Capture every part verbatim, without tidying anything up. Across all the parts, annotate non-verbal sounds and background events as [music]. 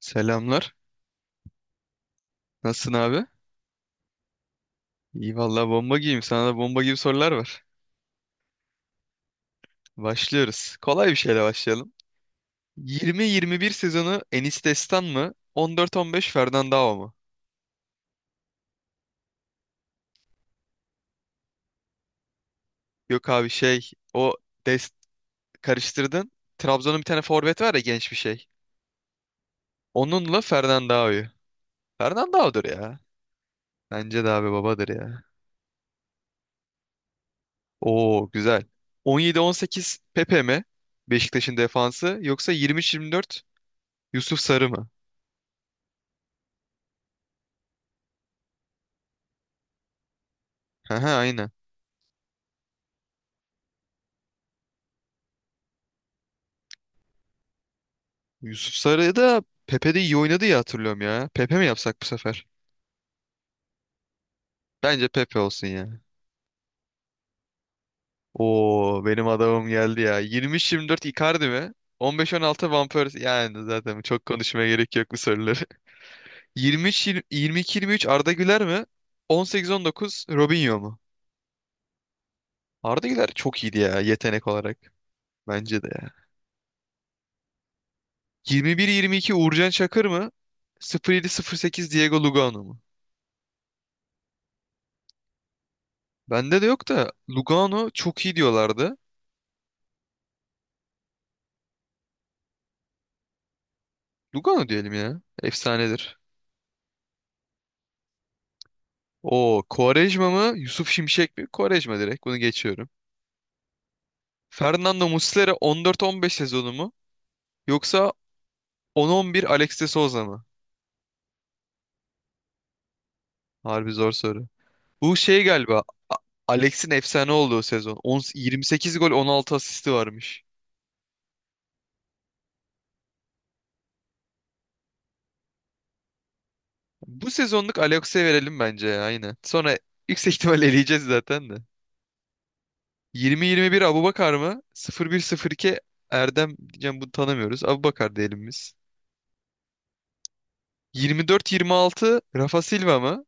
Selamlar. Nasılsın abi? İyi vallahi bomba gibiyim. Sana da bomba gibi sorular var. Başlıyoruz. Kolay bir şeyle başlayalım. yirmi yirmi bir sezonu Enis Destan mı? on dört on beş Fernandao mu? Yok abi, şey o dest karıştırdın. Trabzon'un bir tane forvet var ya, genç bir şey. Onunla Fernandao'yu. Fernandao'dur ya. Bence de abi, babadır ya. Oo, güzel. on yedi on sekiz Pepe mi? Beşiktaş'ın defansı, yoksa yirmi üç yirmi dört Yusuf Sarı mı? aha aynen. Yusuf Sarı da Pepe'de iyi oynadı ya, hatırlıyorum ya. Pepe mi yapsak bu sefer? Bence Pepe olsun ya. Oo, benim adamım geldi ya. yirmi üç yirmi dört Icardi mi? on beş on altı Van Persie. Yani zaten çok konuşmaya gerek yok bu soruları. [laughs] yirmi üç yirmi iki-yirmi üç Arda Güler mi? on sekiz on dokuz Robinho mu? Arda Güler çok iyiydi ya, yetenek olarak. Bence de ya. yirmi bir yirmi iki Uğurcan Çakır mı? sıfır yedi sıfır sekiz Diego Lugano mu? Bende de yok da Lugano çok iyi diyorlardı. Lugano diyelim ya. Efsanedir. O Quaresma mı? Yusuf Şimşek mi? Quaresma direkt. Bunu geçiyorum. Fernando Muslera on dört on beş sezonu mu? Yoksa on on bir Alex de Souza mı? Harbi zor soru. Bu şey galiba. A- Alex'in efsane olduğu sezon. on, yirmi sekiz gol on altı asisti varmış. Bu sezonluk Alex'e verelim bence ya, aynen. Sonra yüksek ihtimal eleyeceğiz zaten de. yirmi yirmi bir Abubakar mı? sıfır bir sıfır iki Erdem diyeceğim, bunu tanımıyoruz. Abubakar diyelim biz. Yirmi dört yirmi altı Rafa Silva mı?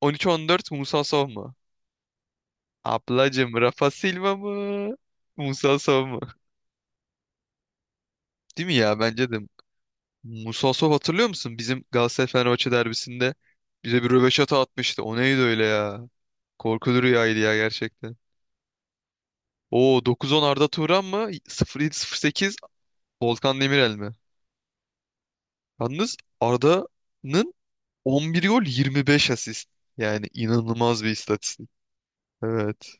On üç on dört Musa Sow mu? Ablacım Rafa Silva mı? Musa Sow mu? Değil mi ya? Bence de. Musa Sow hatırlıyor musun? Bizim Galatasaray-Fenerbahçe derbisinde bize bir röveşata atmıştı. O neydi öyle ya? Korkulu rüyaydı ya gerçekten. Oo, dokuz on Arda Turan mı? Sıfır yedi sıfır sekiz Volkan Demirel mi? Yalnız Arda'nın on bir gol, yirmi beş asist. Yani inanılmaz bir istatistik. Evet.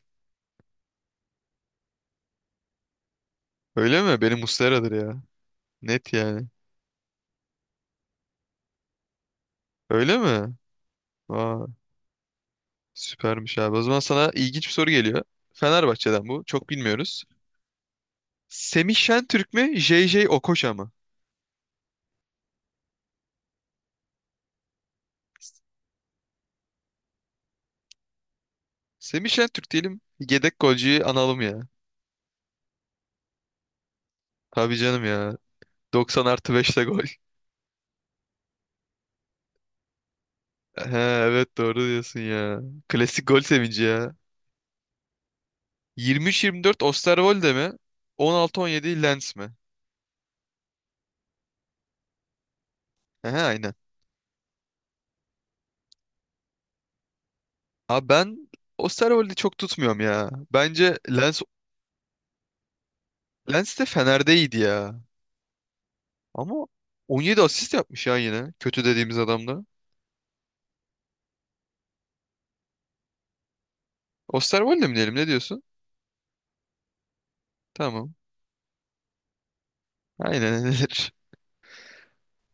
Öyle mi? Benim Muslera'dır ya. Net yani. Öyle mi? Aa, süpermiş abi. O zaman sana ilginç bir soru geliyor. Fenerbahçe'den bu. Çok bilmiyoruz. Semih Şentürk mü? J J Okocha mı? Semih Şentürk diyelim. Yedek golcüyü analım ya. Tabii canım ya. doksan artı beşte gol. [laughs] He, evet, doğru diyorsun ya. Klasik gol sevinci ya. yirmi üç yirmi dört Osterwolde mi? on altı on yedi Lens mi? He, aynen. Abi ben Osterwolde'i çok tutmuyorum ya. Bence Lens. Lens de Fener'de iyiydi ya. Ama on yedi asist yapmış ya yine. Kötü dediğimiz adamda. Osterwolde mi diyelim, ne diyorsun? Tamam. Aynen nedir?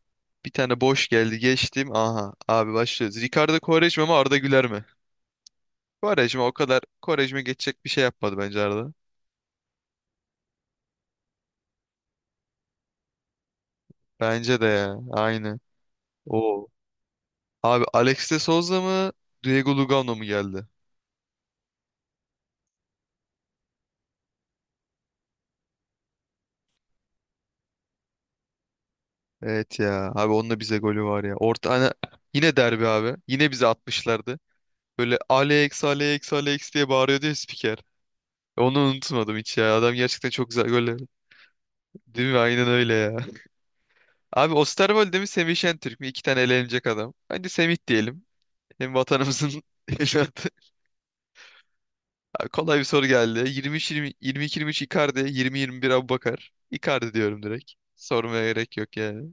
[laughs] Bir tane boş geldi, geçtim. Aha abi, başlıyoruz. Ricardo Quaresma mı, Arda Güler mi? Quaresma o kadar Quaresma geçecek bir şey yapmadı, bence Arda. Bence de ya. Aynı. Oo. Abi Alex de Souza mı, Diego Lugano mu geldi? Evet ya. Abi onun da bize golü var ya. Orta, hani yine derbi abi. Yine bize atmışlardı. Böyle Alex Alex Alex diye bağırıyordu ya spiker. Onu unutmadım hiç ya. Adam gerçekten çok güzel goller. Değil mi? Aynen öyle ya. Abi Osterwolde mi, Semih Şentürk mü? İki tane elenecek adam. Bence Semih diyelim. Hem vatanımızın [laughs] evladı. Abi, kolay bir soru geldi. yirmi üç yirmi, yirmi iki yirmi üç Icardi, yirmi yirmi bir Aboubakar. Icardi diyorum direkt. Sormaya gerek yok yani.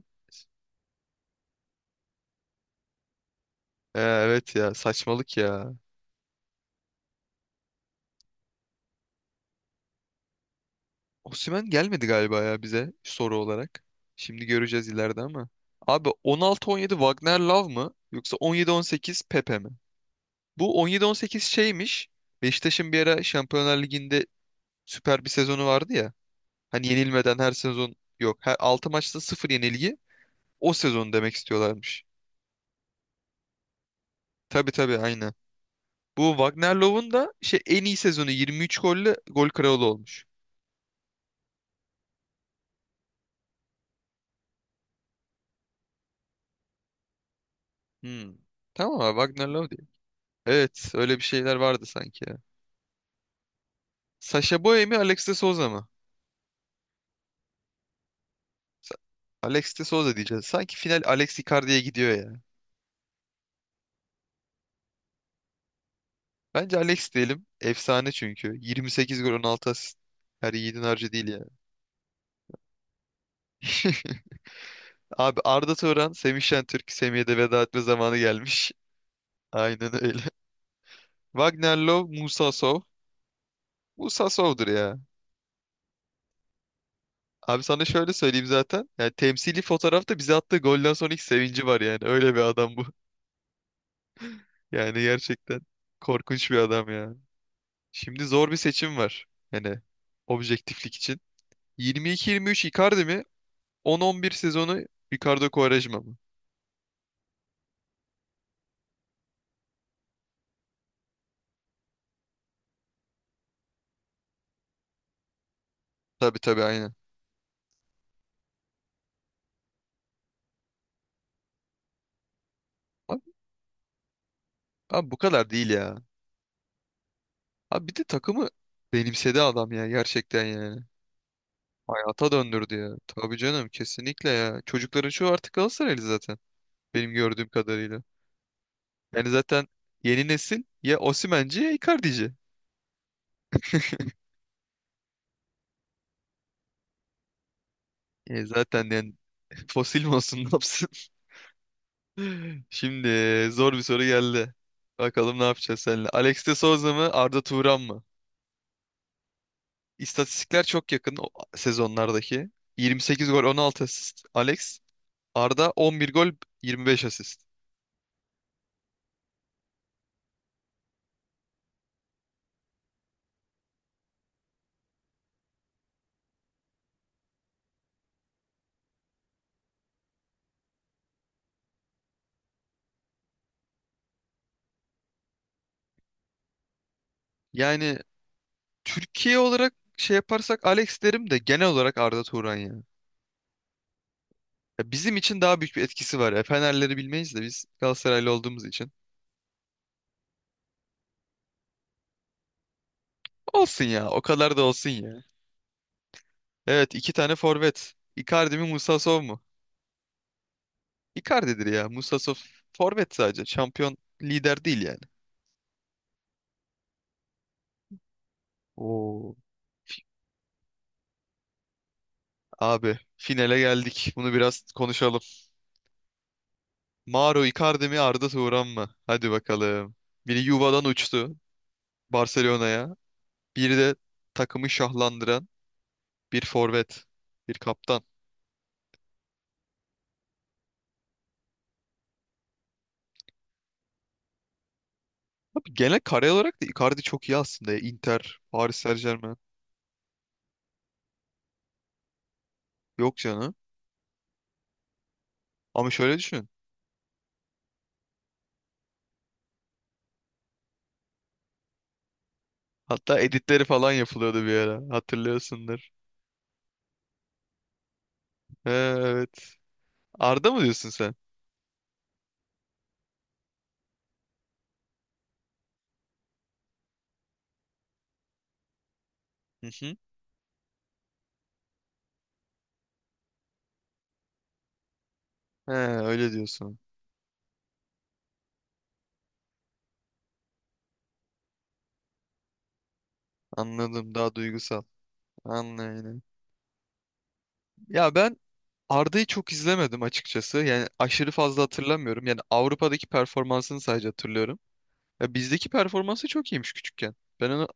Ee, evet ya, saçmalık ya. Osimhen gelmedi galiba ya bize soru olarak. Şimdi göreceğiz ileride ama. Abi on altı on yedi Wagner Love mı? Yoksa on yedi on sekiz Pepe mi? Bu on yedi on sekiz şeymiş. Beşiktaş'ın bir ara Şampiyonlar Ligi'nde süper bir sezonu vardı ya. Hani yenilmeden her sezon yok. Her altı maçta sıfır yenilgi. O sezonu demek istiyorlarmış. Tabii tabii, aynı. Bu Wagner Love'un da şey en iyi sezonu yirmi üç golle gol kralı olmuş. Hmm. Tamam abi Wagner Love diye. Evet, öyle bir şeyler vardı sanki ya. Sasha Boye mi, Alex de Souza mı? Sa- Alex de Souza diyeceğiz. Sanki final Alex Icardi'ye gidiyor ya. Bence Alex diyelim. Efsane çünkü. Yirmi sekiz gol on altı asist. Her yiğidin harcı değil yani. [laughs] Abi Arda Turan, Semih Şentürk, Semih'e de veda etme zamanı gelmiş. [laughs] Aynen öyle. Wagner Love, Musa Sow. Musa Sow'dur ya. Abi sana şöyle söyleyeyim zaten. Yani temsili fotoğrafta bize attığı golden sonraki sevinci var yani. Öyle bir adam bu. [laughs] Yani gerçekten korkunç bir adam ya. Şimdi zor bir seçim var. Yani objektiflik için. Yirmi iki, yirmi üç Icardi mi? On on bir sezonu Ricardo Quaresma mı? Tabii tabii aynen. Abi, abi bu kadar değil ya. Abi bir de takımı benimsedi adam ya, gerçekten yani. Hayata döndürdü ya. Tabii canım, kesinlikle ya. Çocukların çoğu artık Galatasaraylı zaten. Benim gördüğüm kadarıyla. Yani zaten yeni nesil ya Osimhen'ci ya Icardi'ci. E zaten yani [laughs] fosil mi olsun, ne yapsın? [laughs] Şimdi zor bir soru geldi. Bakalım ne yapacağız seninle. Alex de Souza mı, Arda Turan mı? İstatistikler çok yakın o sezonlardaki. yirmi sekiz gol on altı asist Alex. Arda on bir gol yirmi beş asist. Yani Türkiye olarak şey yaparsak Alex derim de genel olarak Arda Turan ya. Ya bizim için daha büyük bir etkisi var ya. Fenerleri bilmeyiz de biz Galatasaraylı olduğumuz için. Olsun ya, o kadar da olsun ya. Evet, iki tane forvet. Icardi mi, Musa Musasov mu? Icardi'dir ya. Musa Musasov forvet sadece. Şampiyon lider değil yani. Oo. Abi finale geldik. Bunu biraz konuşalım. Mauro Icardi mi, Arda Turan mı? Hadi bakalım. Biri yuvadan uçtu. Barcelona'ya. Bir de takımı şahlandıran bir forvet, bir kaptan. Abi genel kare olarak da Icardi çok iyi aslında ya. Inter, Paris Saint-Germain. Yok canım. Ama şöyle düşün. Hatta editleri falan yapılıyordu bir ara. Hatırlıyorsundur. He, evet. Arda mı diyorsun sen? Hı hı. He, öyle diyorsun. Anladım. Daha duygusal. Anladım. Ya ben Arda'yı çok izlemedim açıkçası. Yani aşırı fazla hatırlamıyorum. Yani Avrupa'daki performansını sadece hatırlıyorum. Ya bizdeki performansı çok iyiymiş küçükken. Ben onu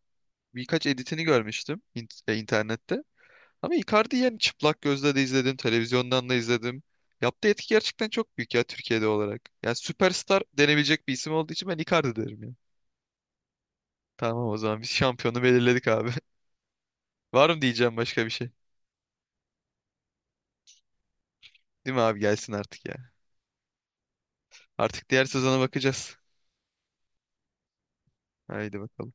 birkaç editini görmüştüm int- e, internette. Ama Icardi yani çıplak gözle de izledim, televizyondan da izledim. Yaptığı etki gerçekten çok büyük ya Türkiye'de olarak. Yani süperstar denebilecek bir isim olduğu için ben Icardi derim ya. Tamam, o zaman biz şampiyonu belirledik abi. [laughs] Var mı diyeceğim başka bir şey? Değil mi abi, gelsin artık ya. Artık diğer sezona bakacağız. Haydi bakalım.